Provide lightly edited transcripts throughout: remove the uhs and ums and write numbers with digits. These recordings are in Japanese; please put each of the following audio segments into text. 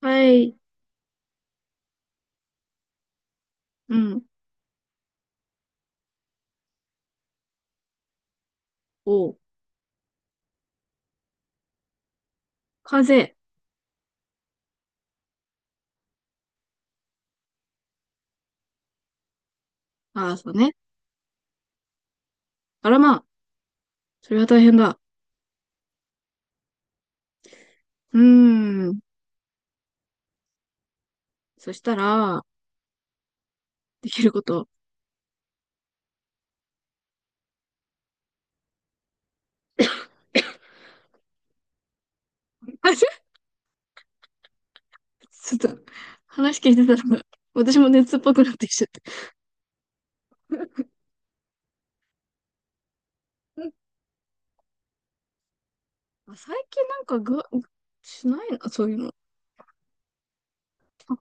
はい、うん、お、風。ああ、そうね。あらまあ、それは大変だ。うーん。そしたら、できること。あちょちょっと、話聞いてたら、私も熱っぽくなってきちゃって。あ、最近なんかぐしないな、そういうの。あ、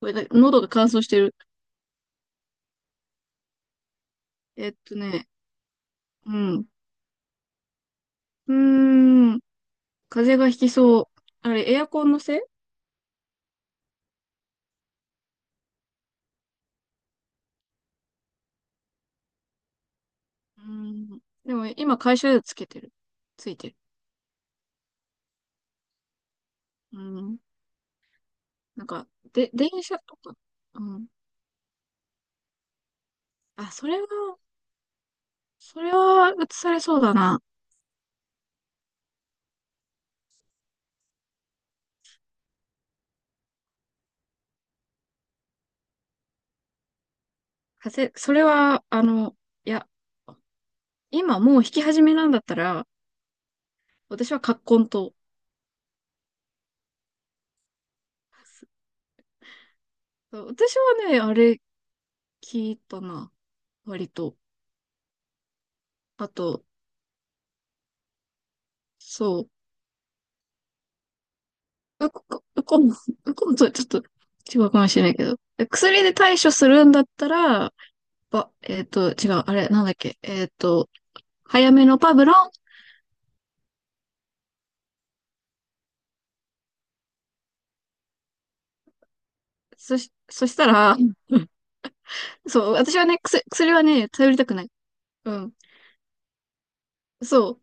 これだ、喉が乾燥してる。えっとね、うん。うーん、風邪がひきそう。あれ、エアコンのせい。でも、今、会社でつけてる。ついてる。うーん。なんか、で、電車とか。うん。あ、それは映されそうだな。それは、いや、今もう弾き始めなんだったら、私は葛根と。そう、私はね、あれ聞いたな。割と。あと、そう。うこんとちょっと違うかもしれないけど。薬で対処するんだったら、ば、えっと、違う、あれ、なんだっけ、早めのパブロン。そしたら、うん、そう、私はね、薬はね、頼りたくない。うん。そう。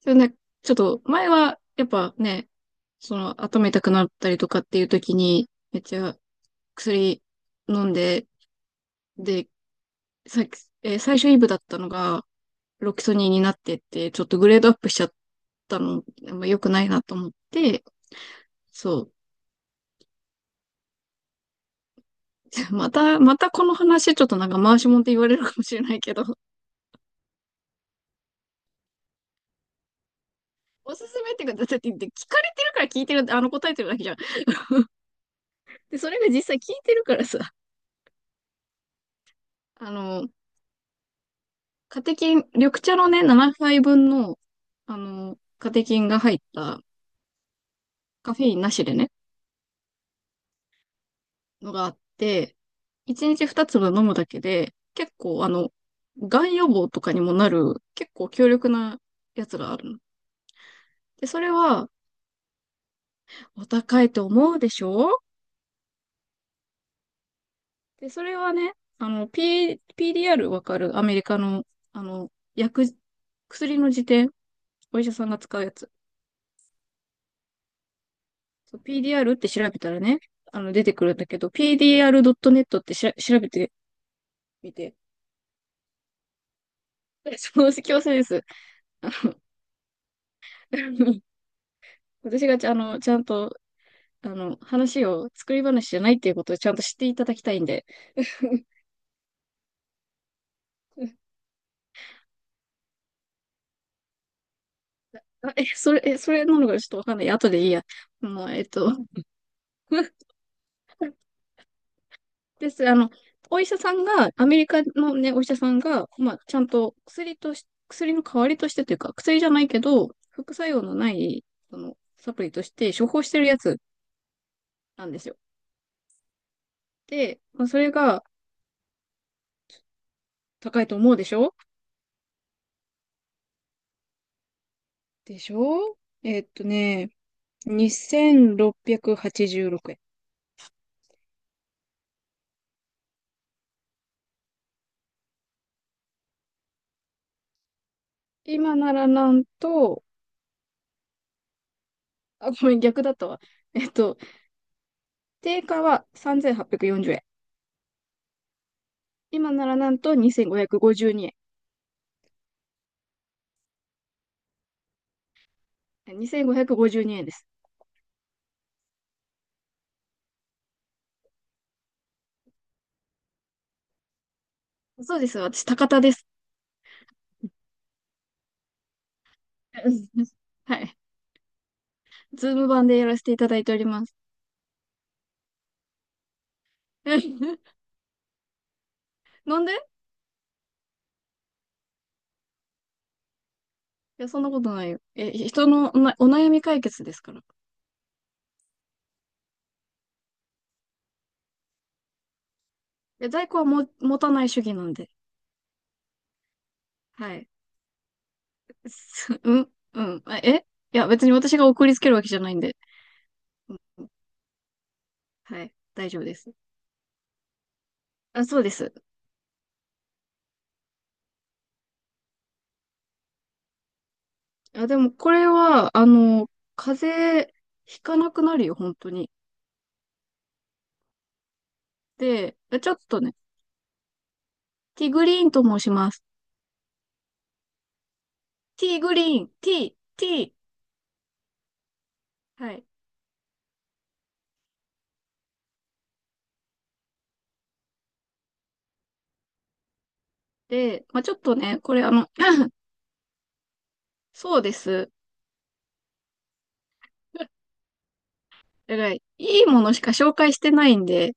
それね、ちょっと、前は、やっぱね、その、頭痛くなったりとかっていう時に、めっちゃ薬飲んで、で、さっき、最初イブだったのが、ロキソニンになってって、ちょっとグレードアップしちゃったの、まあ、良くないなと思って、そう。またこの話、ちょっとなんか回しもんって言われるかもしれないけど、おすすめっていうか、だって聞かれてるから聞いてる、答えてるだけじゃん。で、それが実際聞いてるからさ、あの、カテキン、緑茶のね、7杯分の、カテキンが入ったカフェインなしでね、のがあって、1日2粒飲むだけで、結構がん予防とかにもなる、結構強力なやつがあるの。で、それは、お高いと思うでしょ？で、それはね、PDR わかる？アメリカの、あの、薬、薬の辞典、お医者さんが使うやつ。そう PDR って調べたらね、出てくるんだけど、PDR.net って調べてみて、そう、強制です。私がちゃんと、話を作り話じゃないっていうことをちゃんと知っていただきたいんで。それ、それなのかちょっとわかんない。後でいいや。まあ、です。お医者さんが、アメリカのね、お医者さんが、まあ、ちゃんと薬とし、薬の代わりとしてというか、薬じゃないけど、副作用のない、サプリとして処方してるやつなんですよ。で、まあ、それが高いと思うでしょ？でしょ？えーっとね、2686円。今ならなんと、あ、ごめん、逆だったわ。えっと、定価は3840円。今ならなんと2552円。2552円です。そうです。私、高田です。うん、はい。ズーム版でやらせていただいております。なんでいや、そんなことないよ。え、人のお悩み解決ですから。え、在庫は持たない主義なんで。はい。すうん、うん。いや、別に私が送りつけるわけじゃないんで。うん、うん、はい。大丈夫です。あ、そうです。あ、でも、これは、風邪ひかなくなるよ、本当に。で、ちょっとね、ティーグリーンと申します。ティーグリーン、ティー、ティー。はい。で、まあ、ちょっとね、これそうです。だから、いいものしか紹介してないんで、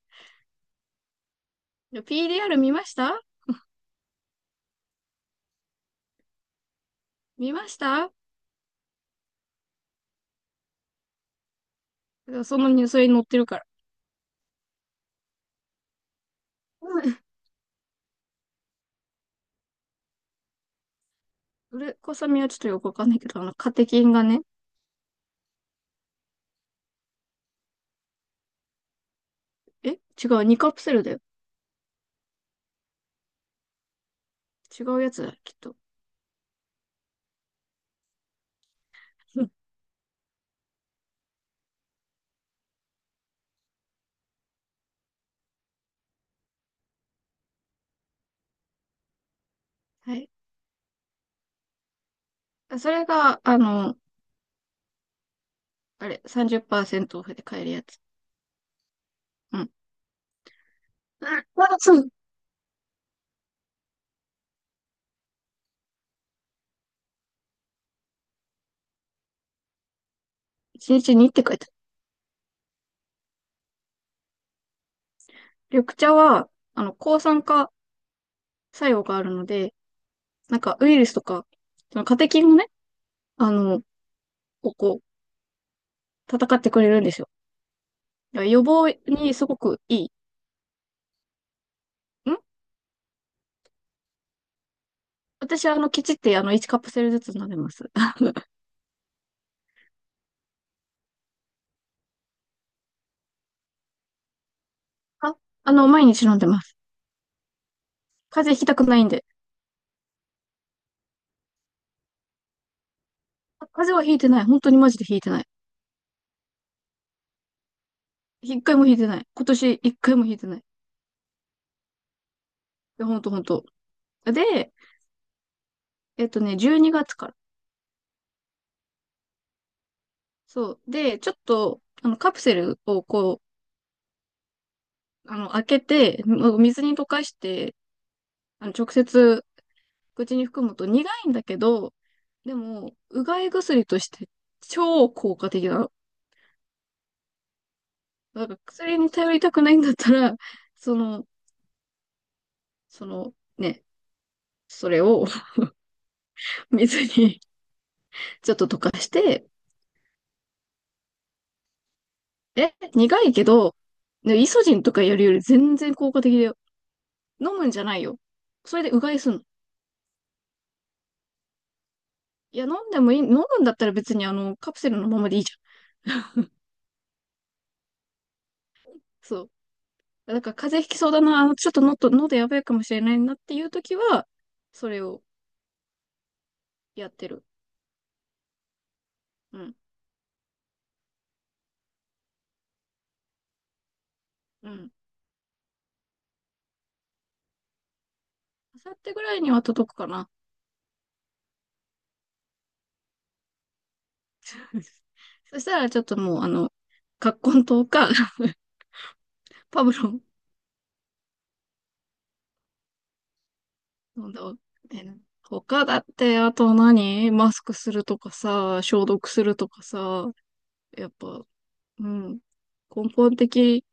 PDR 見ました。そのニュースに載ってるから。うん、ウレコサミはちょっとよくわかんないけど、カテキンがね、違う、2カプセルだよ。違うやつだ、きっと。うん、はい。あ、それが、あれ、30%オフで買えるやつ。うん。うん。1日にちにって書いてある。緑茶は、抗酸化作用があるので、なんかウイルスとか、そのカテキンをね、あの、ここ、戦ってくれるんですよ。だから予防にすごくいい。ん私、あの、きちって、あの、1カップセルずつ飲んでます。あ、毎日飲んでます。風邪ひきたくないんで。あ、風邪はひいてない。本当にマジでひいてない。一回もひいてない。今年一回もひいてない。いや、ほんとほんと。で、12月から。そう。で、ちょっと、カプセルをこう、開けて、もう水に溶かして、直接口に含むと苦いんだけど、でも、うがい薬として超効果的なの。なんか薬に頼りたくないんだったら、その、そのね、それを 水に ちょっと溶かして、え、苦いけど、ね、イソジンとかやるより全然効果的だよ。飲むんじゃないよ。それでうがいすんの。いや、飲んでもいい、飲むんだったら別にカプセルのままでいいじゃん。そう。だから風邪ひきそうだな、ちょっとのと、喉やばいかもしれないなっていう時は、それをやってる。うん。うん。明後日ぐらいには届くかな。そしたらちょっともう、葛根湯か、パブロン飲んだ。他だって、あと何マスクするとかさ、消毒するとかさ、やっぱ、うん。根本的。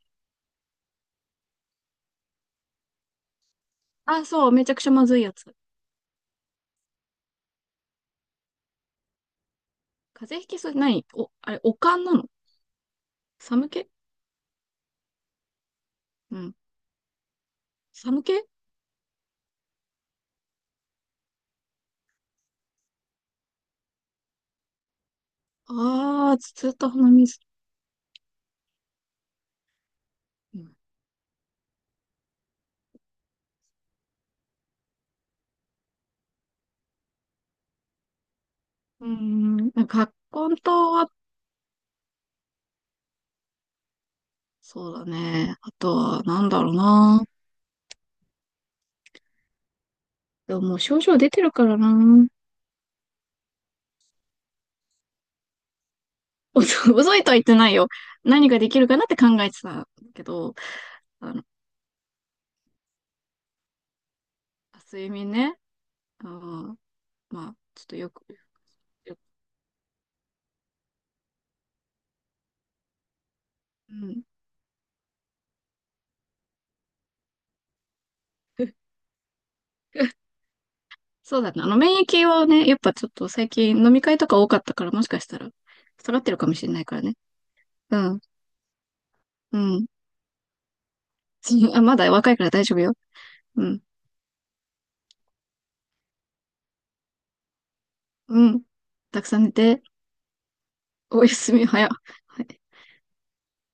あ、そう、めちゃくちゃまずいやつ。風邪ひきそう、何、お、あれ、おかんなの？寒気。うん。寒気。ああー、ずっと鼻水。うん。うーん、ん葛根湯はそうだね。あとは、なんだろうな。でももう症状出てるからな。遅いとは言ってないよ。何ができるかなって考えてたんだけど、あの、睡眠ね。あのまあ、ちょっとよく、うん。そうだね。免疫はね、やっぱちょっと最近飲み会とか多かったから、もしかしたら下がってるかもしれないからね。うん。うん。あ、まだ若いから大丈夫よ。うん。うん。たくさん寝て、おやすみ、早。